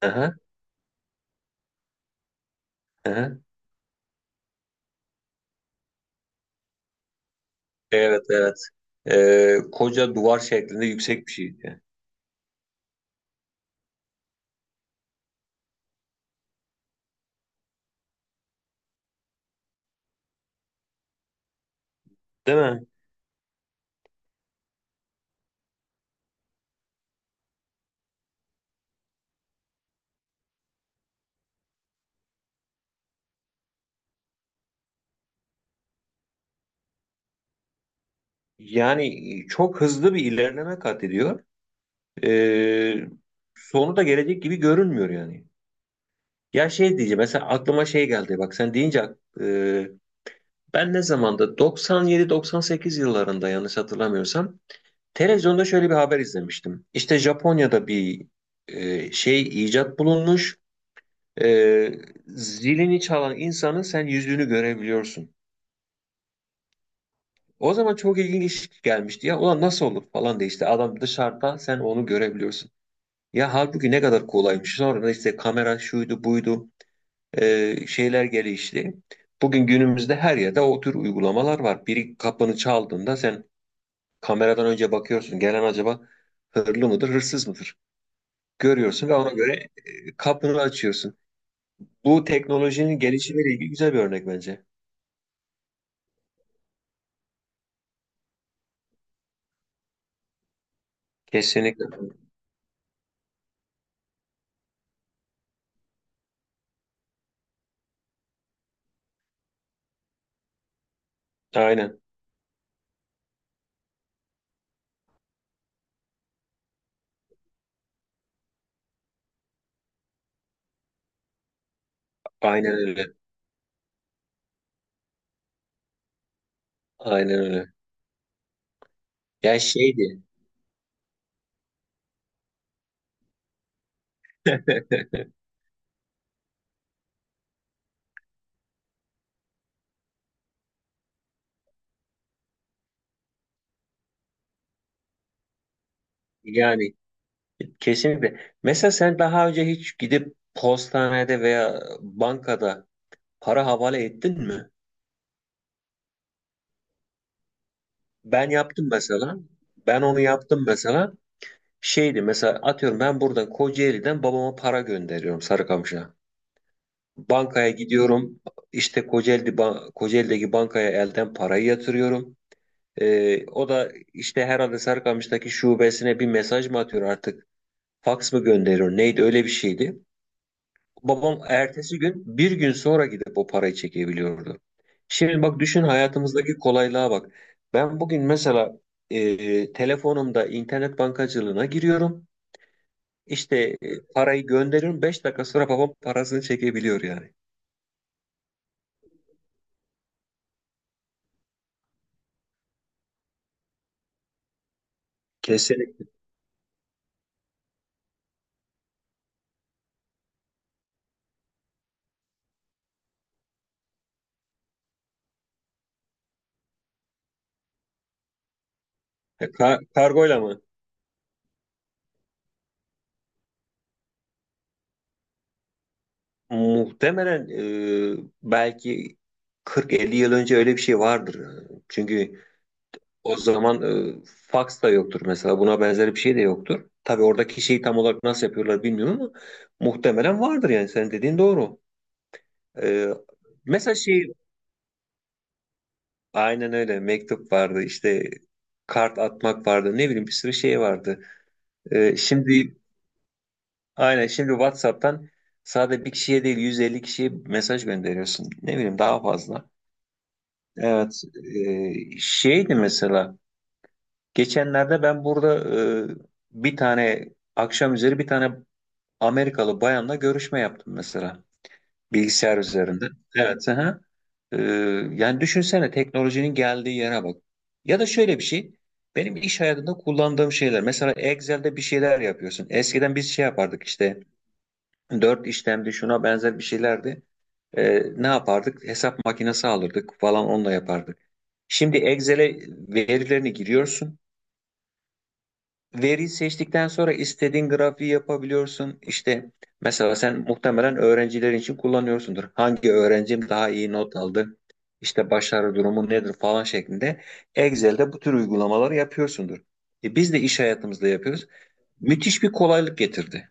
Aha, aha. Evet evet. Koca duvar şeklinde yüksek bir şeydi. Değil mi? Yani çok hızlı bir ilerleme kat ediyor. Ee, Sonu da gelecek gibi görünmüyor yani. Ya şey diyeceğim, mesela aklıma şey geldi, bak sen deyince e, ben ne zamanda 97-98 yıllarında yanlış hatırlamıyorsam televizyonda şöyle bir haber izlemiştim. İşte Japonya'da bir şey icat bulunmuş. E, Zilini çalan insanın sen yüzünü görebiliyorsun. O zaman çok ilginç gelmişti ya. Ulan nasıl olur falan diye, işte adam dışarıda sen onu görebiliyorsun. Ya halbuki ne kadar kolaymış. Sonra da işte kamera şuydu buydu şeyler gelişti. Bugün günümüzde her yerde o tür uygulamalar var. Biri kapını çaldığında sen kameradan önce bakıyorsun. Gelen acaba hırlı mıdır, hırsız mıdır? Görüyorsun ve ona göre kapını açıyorsun. Bu teknolojinin gelişimiyle ilgili güzel bir örnek bence. Kesinlikle. Aynen. Aynen öyle. Aynen öyle. Ya şeydi. Yani kesinlikle. Mesela sen daha önce hiç gidip postanede veya bankada para havale ettin mi? Ben yaptım mesela. Ben onu yaptım mesela. Şeydi mesela, atıyorum, ben buradan Kocaeli'den babama para gönderiyorum Sarıkamış'a. Bankaya gidiyorum. İşte Kocaeli, Kocaeli'deki bankaya elden parayı yatırıyorum. O da işte herhalde Sarıkamış'taki şubesine bir mesaj mı atıyor artık? Faks mı gönderiyor? Neydi, öyle bir şeydi. Babam ertesi gün, bir gün sonra gidip o parayı çekebiliyordu. Şimdi bak, düşün hayatımızdaki kolaylığa bak. Ben bugün mesela telefonumda internet bankacılığına giriyorum. İşte parayı gönderiyorum, 5 dakika sonra babam parasını çekebiliyor yani. Kesinlikle. Kargoyla mı? Muhtemelen belki 40-50 yıl önce öyle bir şey vardır. Çünkü o zaman fax da yoktur mesela. Buna benzer bir şey de yoktur. Tabii oradaki şeyi tam olarak nasıl yapıyorlar bilmiyorum ama muhtemelen vardır yani. Senin dediğin doğru. E, Mesela şey, aynen öyle, mektup vardı, işte kart atmak vardı, ne bileyim, bir sürü şey vardı. Şimdi, aynen, şimdi WhatsApp'tan sadece bir kişiye değil 150 kişiye mesaj gönderiyorsun. Ne bileyim, daha fazla. Evet, şeydi mesela, geçenlerde ben burada e, bir tane akşam üzeri bir tane Amerikalı bayanla görüşme yaptım mesela, bilgisayar üzerinde. Evet. Aha. Ee, Yani düşünsene teknolojinin geldiği yere bak. Ya da şöyle bir şey. Benim iş hayatında kullandığım şeyler. Mesela Excel'de bir şeyler yapıyorsun. Eskiden biz şey yapardık işte. Dört işlemdi, şuna benzer bir şeylerdi. Ne yapardık? Hesap makinesi alırdık falan, onunla yapardık. Şimdi Excel'e verilerini giriyorsun. Veriyi seçtikten sonra istediğin grafiği yapabiliyorsun. İşte mesela sen muhtemelen öğrencilerin için kullanıyorsundur. Hangi öğrencim daha iyi not aldı? İşte başarı durumu nedir falan şeklinde. Excel'de bu tür uygulamaları yapıyorsundur. E biz de iş hayatımızda yapıyoruz. Müthiş bir kolaylık getirdi.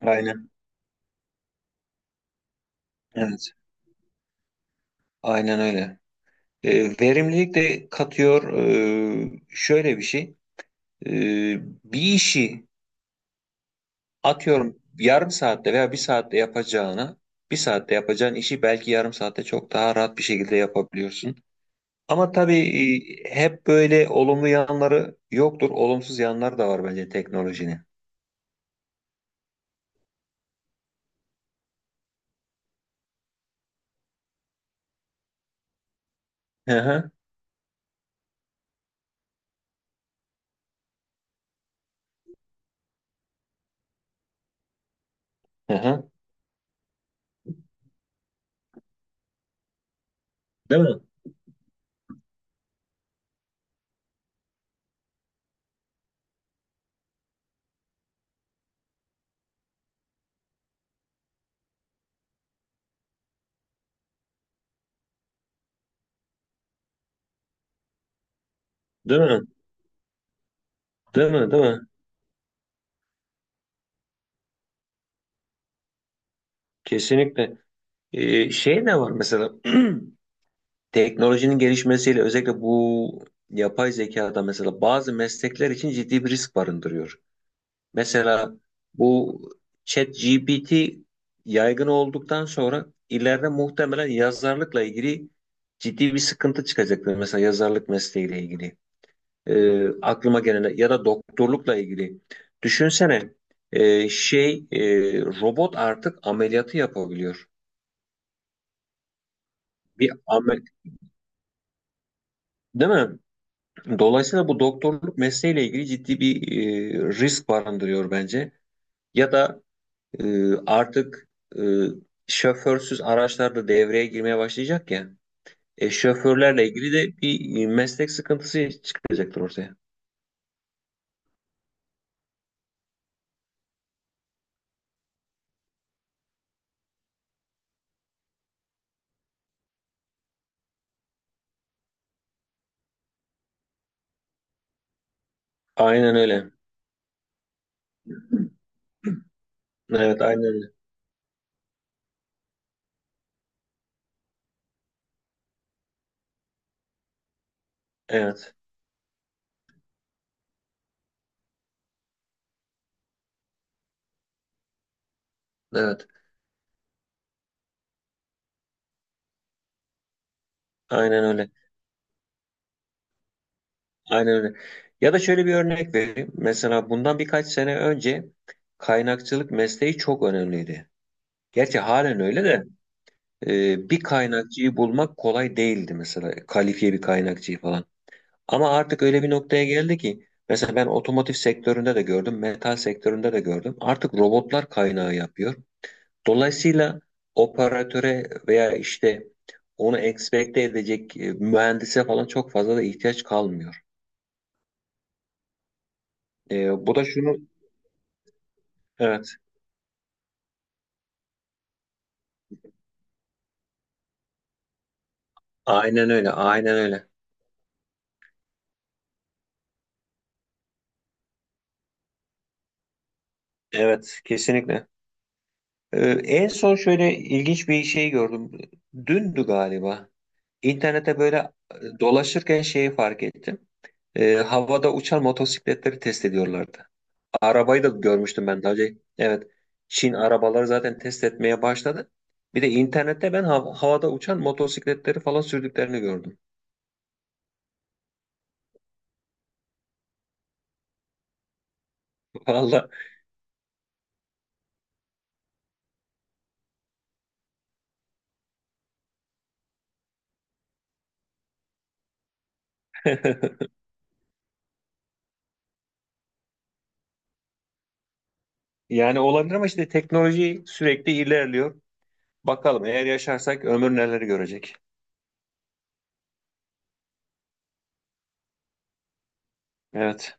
Aynen. Evet. Aynen öyle. Verimlilik de katıyor. Şöyle bir şey. E, Bir işi, atıyorum, yarım saatte veya bir saatte yapacağına, bir saatte yapacağın işi belki yarım saatte çok daha rahat bir şekilde yapabiliyorsun. Ama tabii hep böyle olumlu yanları yoktur. Olumsuz yanları da var bence teknolojinin. Hı hı, hı hı. Değil mi? Değil mi? Değil mi? Değil mi? Kesinlikle. Şey ne var mesela, teknolojinin gelişmesiyle özellikle bu yapay zekada mesela bazı meslekler için ciddi bir risk barındırıyor. Mesela bu ChatGPT yaygın olduktan sonra ileride muhtemelen yazarlıkla ilgili ciddi bir sıkıntı çıkacaktır. Mesela yazarlık mesleğiyle ilgili. Aklıma gelen ya da doktorlukla ilgili. Düşünsene şey robot artık ameliyatı yapabiliyor. Bir amel Değil mi? Dolayısıyla bu doktorluk mesleğiyle ilgili ciddi bir risk barındırıyor bence. Ya da artık e, şoförsüz araçlar da devreye girmeye başlayacak ya. Şoförlerle ilgili de bir meslek sıkıntısı çıkacaktır ortaya. Aynen öyle. Evet, aynen öyle. Evet, evet. Aynen öyle. Aynen öyle. Ya da şöyle bir örnek vereyim. Mesela bundan birkaç sene önce kaynakçılık mesleği çok önemliydi. Gerçi halen öyle de bir kaynakçıyı bulmak kolay değildi mesela. Kalifiye bir kaynakçıyı falan. Ama artık öyle bir noktaya geldi ki, mesela ben otomotiv sektöründe de gördüm, metal sektöründe de gördüm. Artık robotlar kaynağı yapıyor. Dolayısıyla operatöre veya işte onu ekspekte edecek mühendise falan çok fazla da ihtiyaç kalmıyor. Bu da şunu, evet, aynen öyle, aynen öyle. Evet kesinlikle. En son şöyle ilginç bir şey gördüm. Dündü galiba. İnternete böyle dolaşırken şeyi fark ettim. Havada uçan motosikletleri test ediyorlardı. Arabayı da görmüştüm ben daha önce. Evet. Çin arabaları zaten test etmeye başladı. Bir de internette ben havada uçan motosikletleri falan sürdüklerini gördüm. Valla. Yani olabilir ama işte teknoloji sürekli ilerliyor. Bakalım eğer yaşarsak ömür neleri görecek. Evet.